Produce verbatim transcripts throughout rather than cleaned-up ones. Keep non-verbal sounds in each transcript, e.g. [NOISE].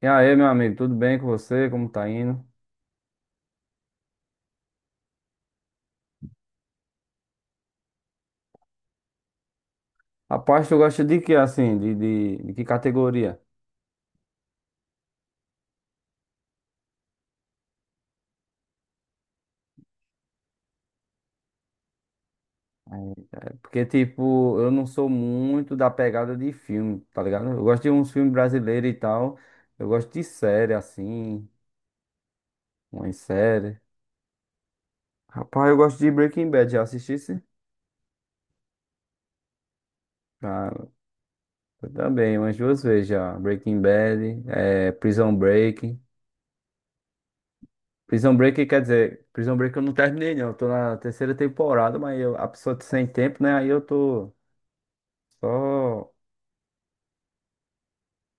E aí, meu amigo, tudo bem com você? Como tá indo? Rapaz, tu gosta de que, assim, de, de, de que categoria? É. Porque, tipo, eu não sou muito da pegada de filme, tá ligado? Eu gosto de uns filmes brasileiros e tal. Eu gosto de série, assim, uma série. Rapaz, eu gosto de Breaking Bad, já assistisse? Ah, eu também, umas duas vezes já. Breaking Bad, é, Prison Break. Prison Break quer dizer, Prison Break eu não terminei, não. Eu tô na terceira temporada, mas eu, a pessoa tá sem tempo, né? Aí eu tô. Só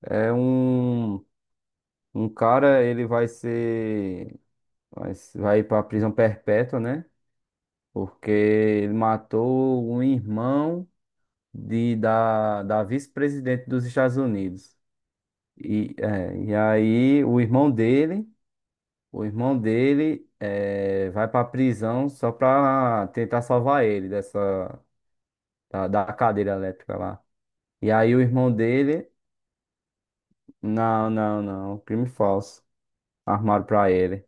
é um, um cara, ele vai ser, vai, se- vai ir prisão perpétua, né? Porque ele matou um irmão de, da, da vice-presidente dos Estados Unidos. E, é, e aí o irmão dele, o irmão dele é, vai pra prisão só para tentar salvar ele dessa, da, da cadeira elétrica lá. E aí o irmão dele. Não, não, não, crime falso, armaram para ele.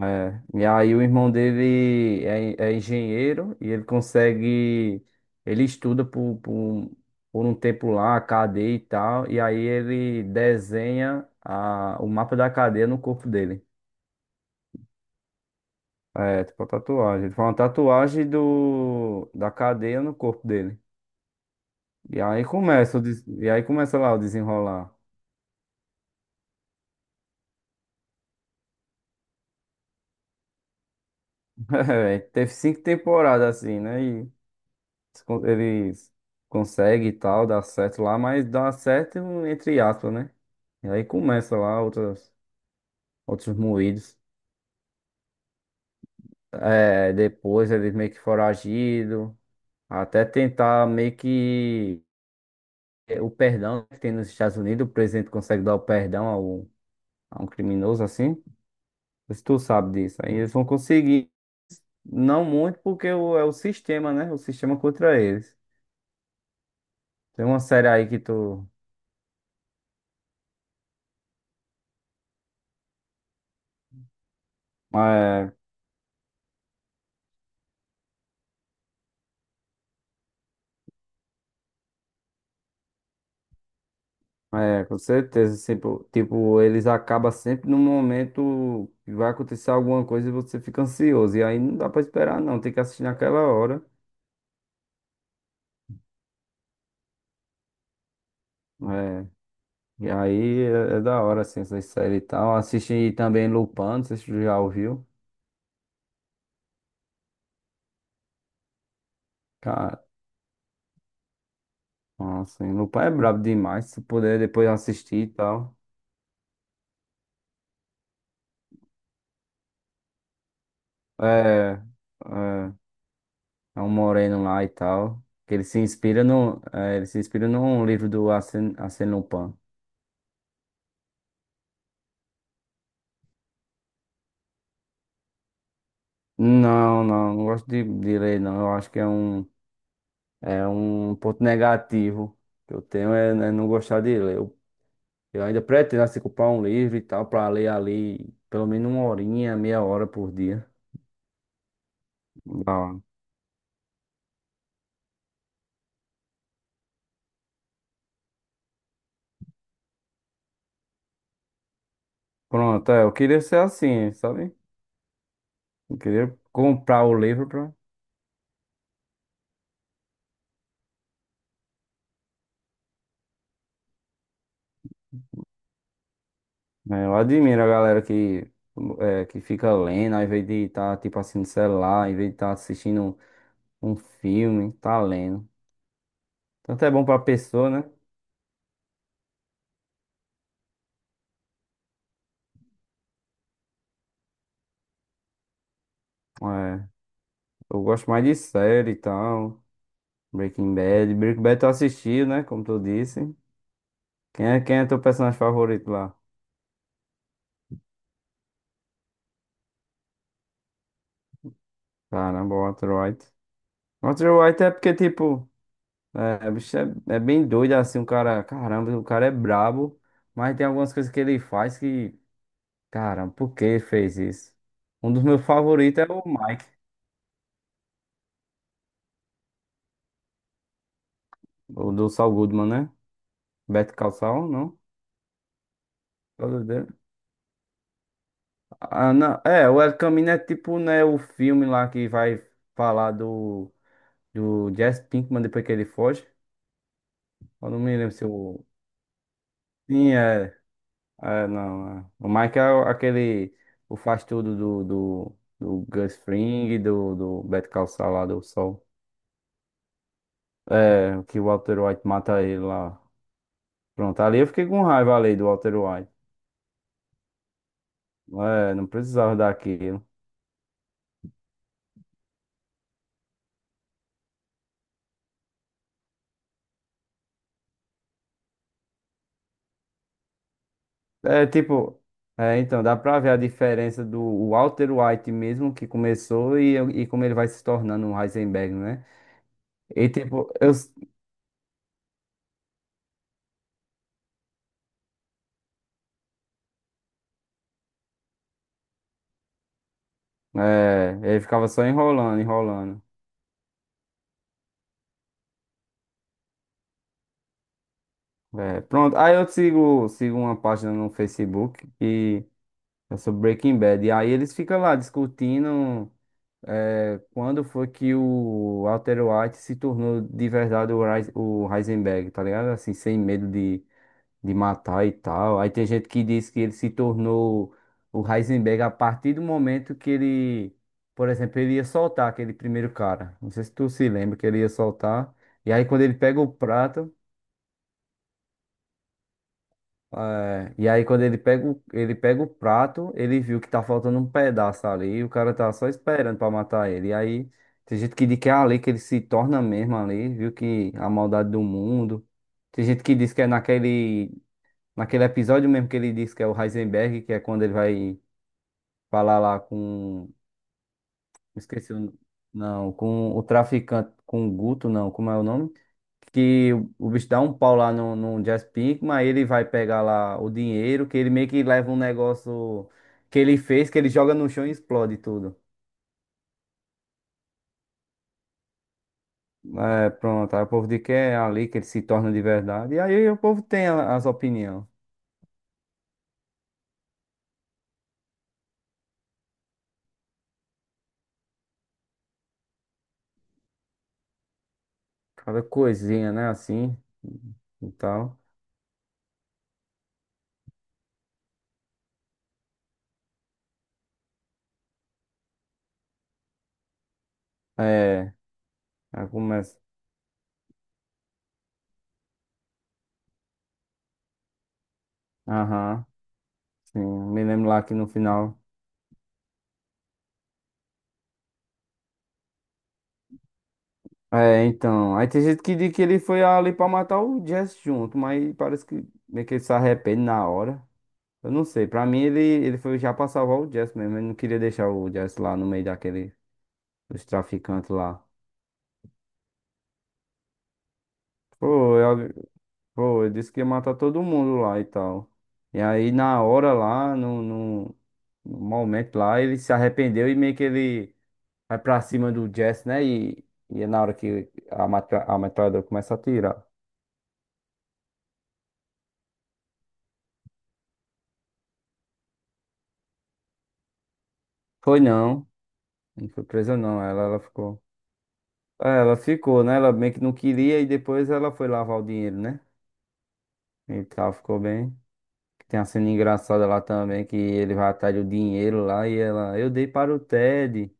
É, e aí o irmão dele é, é engenheiro e ele consegue, ele estuda por, por, um por um tempo lá, a cadeia e tal, e aí ele desenha a, o mapa da cadeia no corpo dele. É, tipo a tatuagem. Ele faz uma tatuagem do, da cadeia no corpo dele. E aí começa, o des- e aí começa lá o desenrolar. [LAUGHS] É, teve cinco temporadas assim, né? se con- eles conseguem e tal, dá certo lá, mas dá certo entre aspas, né? E aí começa lá outras, outros moídos. É, depois eles meio que foragido, até tentar meio que é, o perdão que tem nos Estados Unidos, o presidente consegue dar o perdão ao, a um criminoso assim. Se tu sabe disso, aí eles vão conseguir. Não muito, porque o, é o sistema, né? O sistema contra eles. Tem uma série aí que tu é. É, com certeza. Sempre, tipo, eles acabam sempre no momento que vai acontecer alguma coisa e você fica ansioso. E aí não dá pra esperar, não. Tem que assistir naquela hora. É. E aí é, é da hora, assim, essa série e tal. Assisti também Lupin, não sei se tu já ouviu. Cara, nossa, hein, Lupin é brabo demais. Se puder depois assistir e tal. É, é, É um moreno lá e tal. Que ele se inspira no, é, ele se inspira num livro do Arsène, Arsène Lupin. Não, não, não gosto de, de ler, não. Eu acho que é um, é um ponto negativo que eu tenho é, né, não gostar de ler. Eu, eu ainda pretendo assim, comprar um livro e tal para ler ali pelo menos uma horinha, meia hora por dia. Da hora. Pronto, é, eu queria ser assim, sabe? Eu queria comprar o livro pra. Né, eu admiro a galera que, é, que fica lendo, ao invés de estar tipo assim no celular, ao invés de estar assistindo um filme, tá lendo. Tanto é bom pra pessoa, né? É. Eu gosto mais de série e tal. Breaking Bad. Breaking Bad tu assistiu, né? Como tu disse. Quem é, quem é teu personagem favorito lá? Caramba, o Walter White. Walter White é porque, tipo, é, o bicho é, é bem doido assim, o cara. Caramba, o cara é brabo. Mas tem algumas coisas que ele faz que. Caramba, por que ele fez isso? Um dos meus favoritos é o Mike, o do Saul Goodman, né? Better Call Saul, não? Todo dele. Ah, não. É, o El Camino é tipo, né, o filme lá que vai falar do. Do Jesse Pinkman depois que ele foge. Eu não me lembro se o. Sim, é. É, não. É. O Mike é o- aquele. O faz tudo do, do, do Gus Fring, do, do Better Call Saul lá do Sol. É, que o Walter White mata ele lá. Pronto, ali eu fiquei com raiva ali do Walter White. É, não precisava daquilo. É tipo. É, então, dá pra ver a diferença do Walter White mesmo que começou e, e como ele vai se tornando um Heisenberg, né? E tipo, eu. É, ele ficava só enrolando, enrolando. É, pronto. Aí eu sigo, sigo uma página no Facebook e é sobre Breaking Bad. E aí eles ficam lá discutindo é, quando foi que o Walter White se tornou de verdade o Reis- o Heisenberg, tá ligado? Assim, sem medo de, de matar e tal. Aí tem gente que diz que ele se tornou o Heisenberg a partir do momento que ele, por exemplo, ele ia soltar aquele primeiro cara. Não sei se tu se lembra que ele ia soltar. E aí quando ele pega o prato, eh, e aí quando ele pega o, ele pega o prato, ele viu que tá faltando um pedaço ali, e o cara tá só esperando pra matar ele. E aí tem gente que diz que é ali que ele se torna mesmo ali, viu que a maldade do mundo. Tem gente que diz que é naquele naquele episódio mesmo que ele disse que é o Heisenberg, que é quando ele vai falar lá com. Esqueci o. Não, com o traficante, com o Guto, não, como é o nome? Que o o bicho dá um pau lá no, no Jazz Pinkman, aí ele vai pegar lá o dinheiro, que ele meio que leva um negócio que ele fez, que ele joga no chão e explode tudo. É, pronto, aí o povo diz que é ali que ele se torna de verdade. E aí o povo tem a- as opiniões. Cada coisinha, né? Assim e tal. É, aí começa. Aham, sim, me lembro lá que no final. É, então. Aí tem gente que diz que ele foi ali pra matar o Jess junto, mas parece que meio que ele se arrepende na hora. Eu não sei, pra mim ele, ele foi já pra salvar o Jess mesmo. Ele não queria deixar o Jess lá no meio daquele, dos traficantes lá. Pô, eu, Pô, ele disse que ia matar todo mundo lá e tal. E aí na hora lá, no, no, no momento lá, ele se arrependeu e meio que ele. Vai pra cima do Jess, né? E, e é na hora que a, matra- a metralhadora começa a atirar. Foi não, não foi presa não, ela, ela ficou. É, ela ficou, né? Ela meio que não queria e depois ela foi lavar o dinheiro, né? E tal, ficou bem. Tem uma cena engraçada lá também, que ele vai atrás do dinheiro lá e ela, eu dei para o Ted.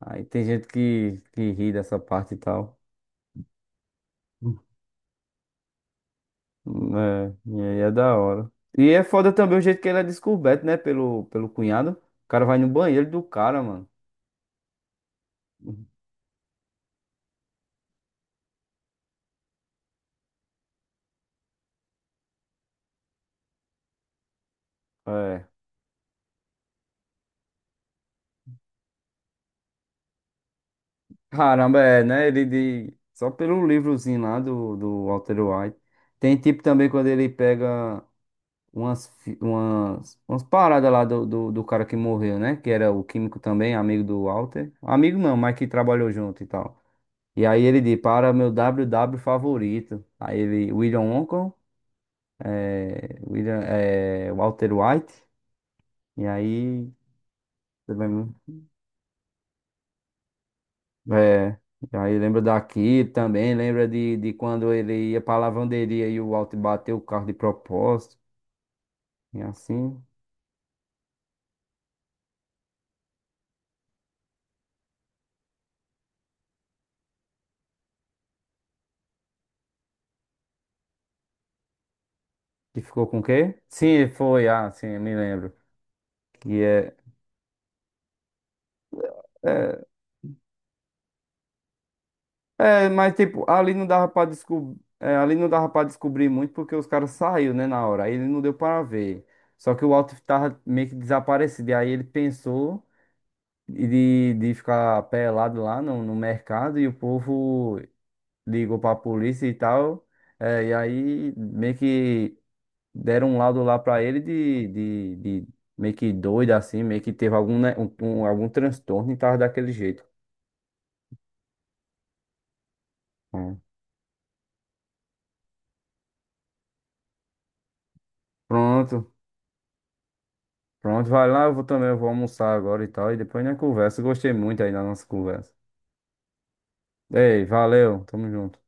Aí tem gente que, que ri dessa parte e tal. Hum. É, e aí é da hora. E é foda também o jeito que ele é descoberto, né? Pelo, pelo cunhado. O cara vai no banheiro do cara, mano. É. Caramba, é, né? Ele de. Só pelo livrozinho lá do, do Walter White. Tem tipo também quando ele pega umas, fi- umas, umas paradas lá do, do, do cara que morreu, né? Que era o químico também, amigo do Walter. Amigo não, mas que trabalhou junto e tal. E aí ele diz, para meu W W favorito. Aí ele, William Wonka, é, William, é, Walter White. E aí. É, e aí lembra daqui também, lembra de, de quando ele ia pra lavanderia e o Alto bateu o carro de propósito, e assim, que ficou com o quê? Sim, foi, ah, sim, me lembro. Que é, é, é, mas tipo, ali não dava pra descobrir, ali não dava para descobrir muito porque os caras saíram, né, na hora, aí ele não deu para ver. Só que o Alto tava meio que desaparecido, e aí ele pensou e de, de ficar pelado lá no, no mercado e o povo. Ligou pra polícia e tal. É, e aí meio que deram um laudo lá pra ele de, de, de meio que doido assim, meio que teve algum, né, um, um- algum transtorno e tava daquele jeito. Hum. Pronto, pronto, vai lá, eu vou também, eu vou almoçar agora e tal. E depois na conversa, gostei muito aí da nossa conversa. Ei, valeu, tamo junto.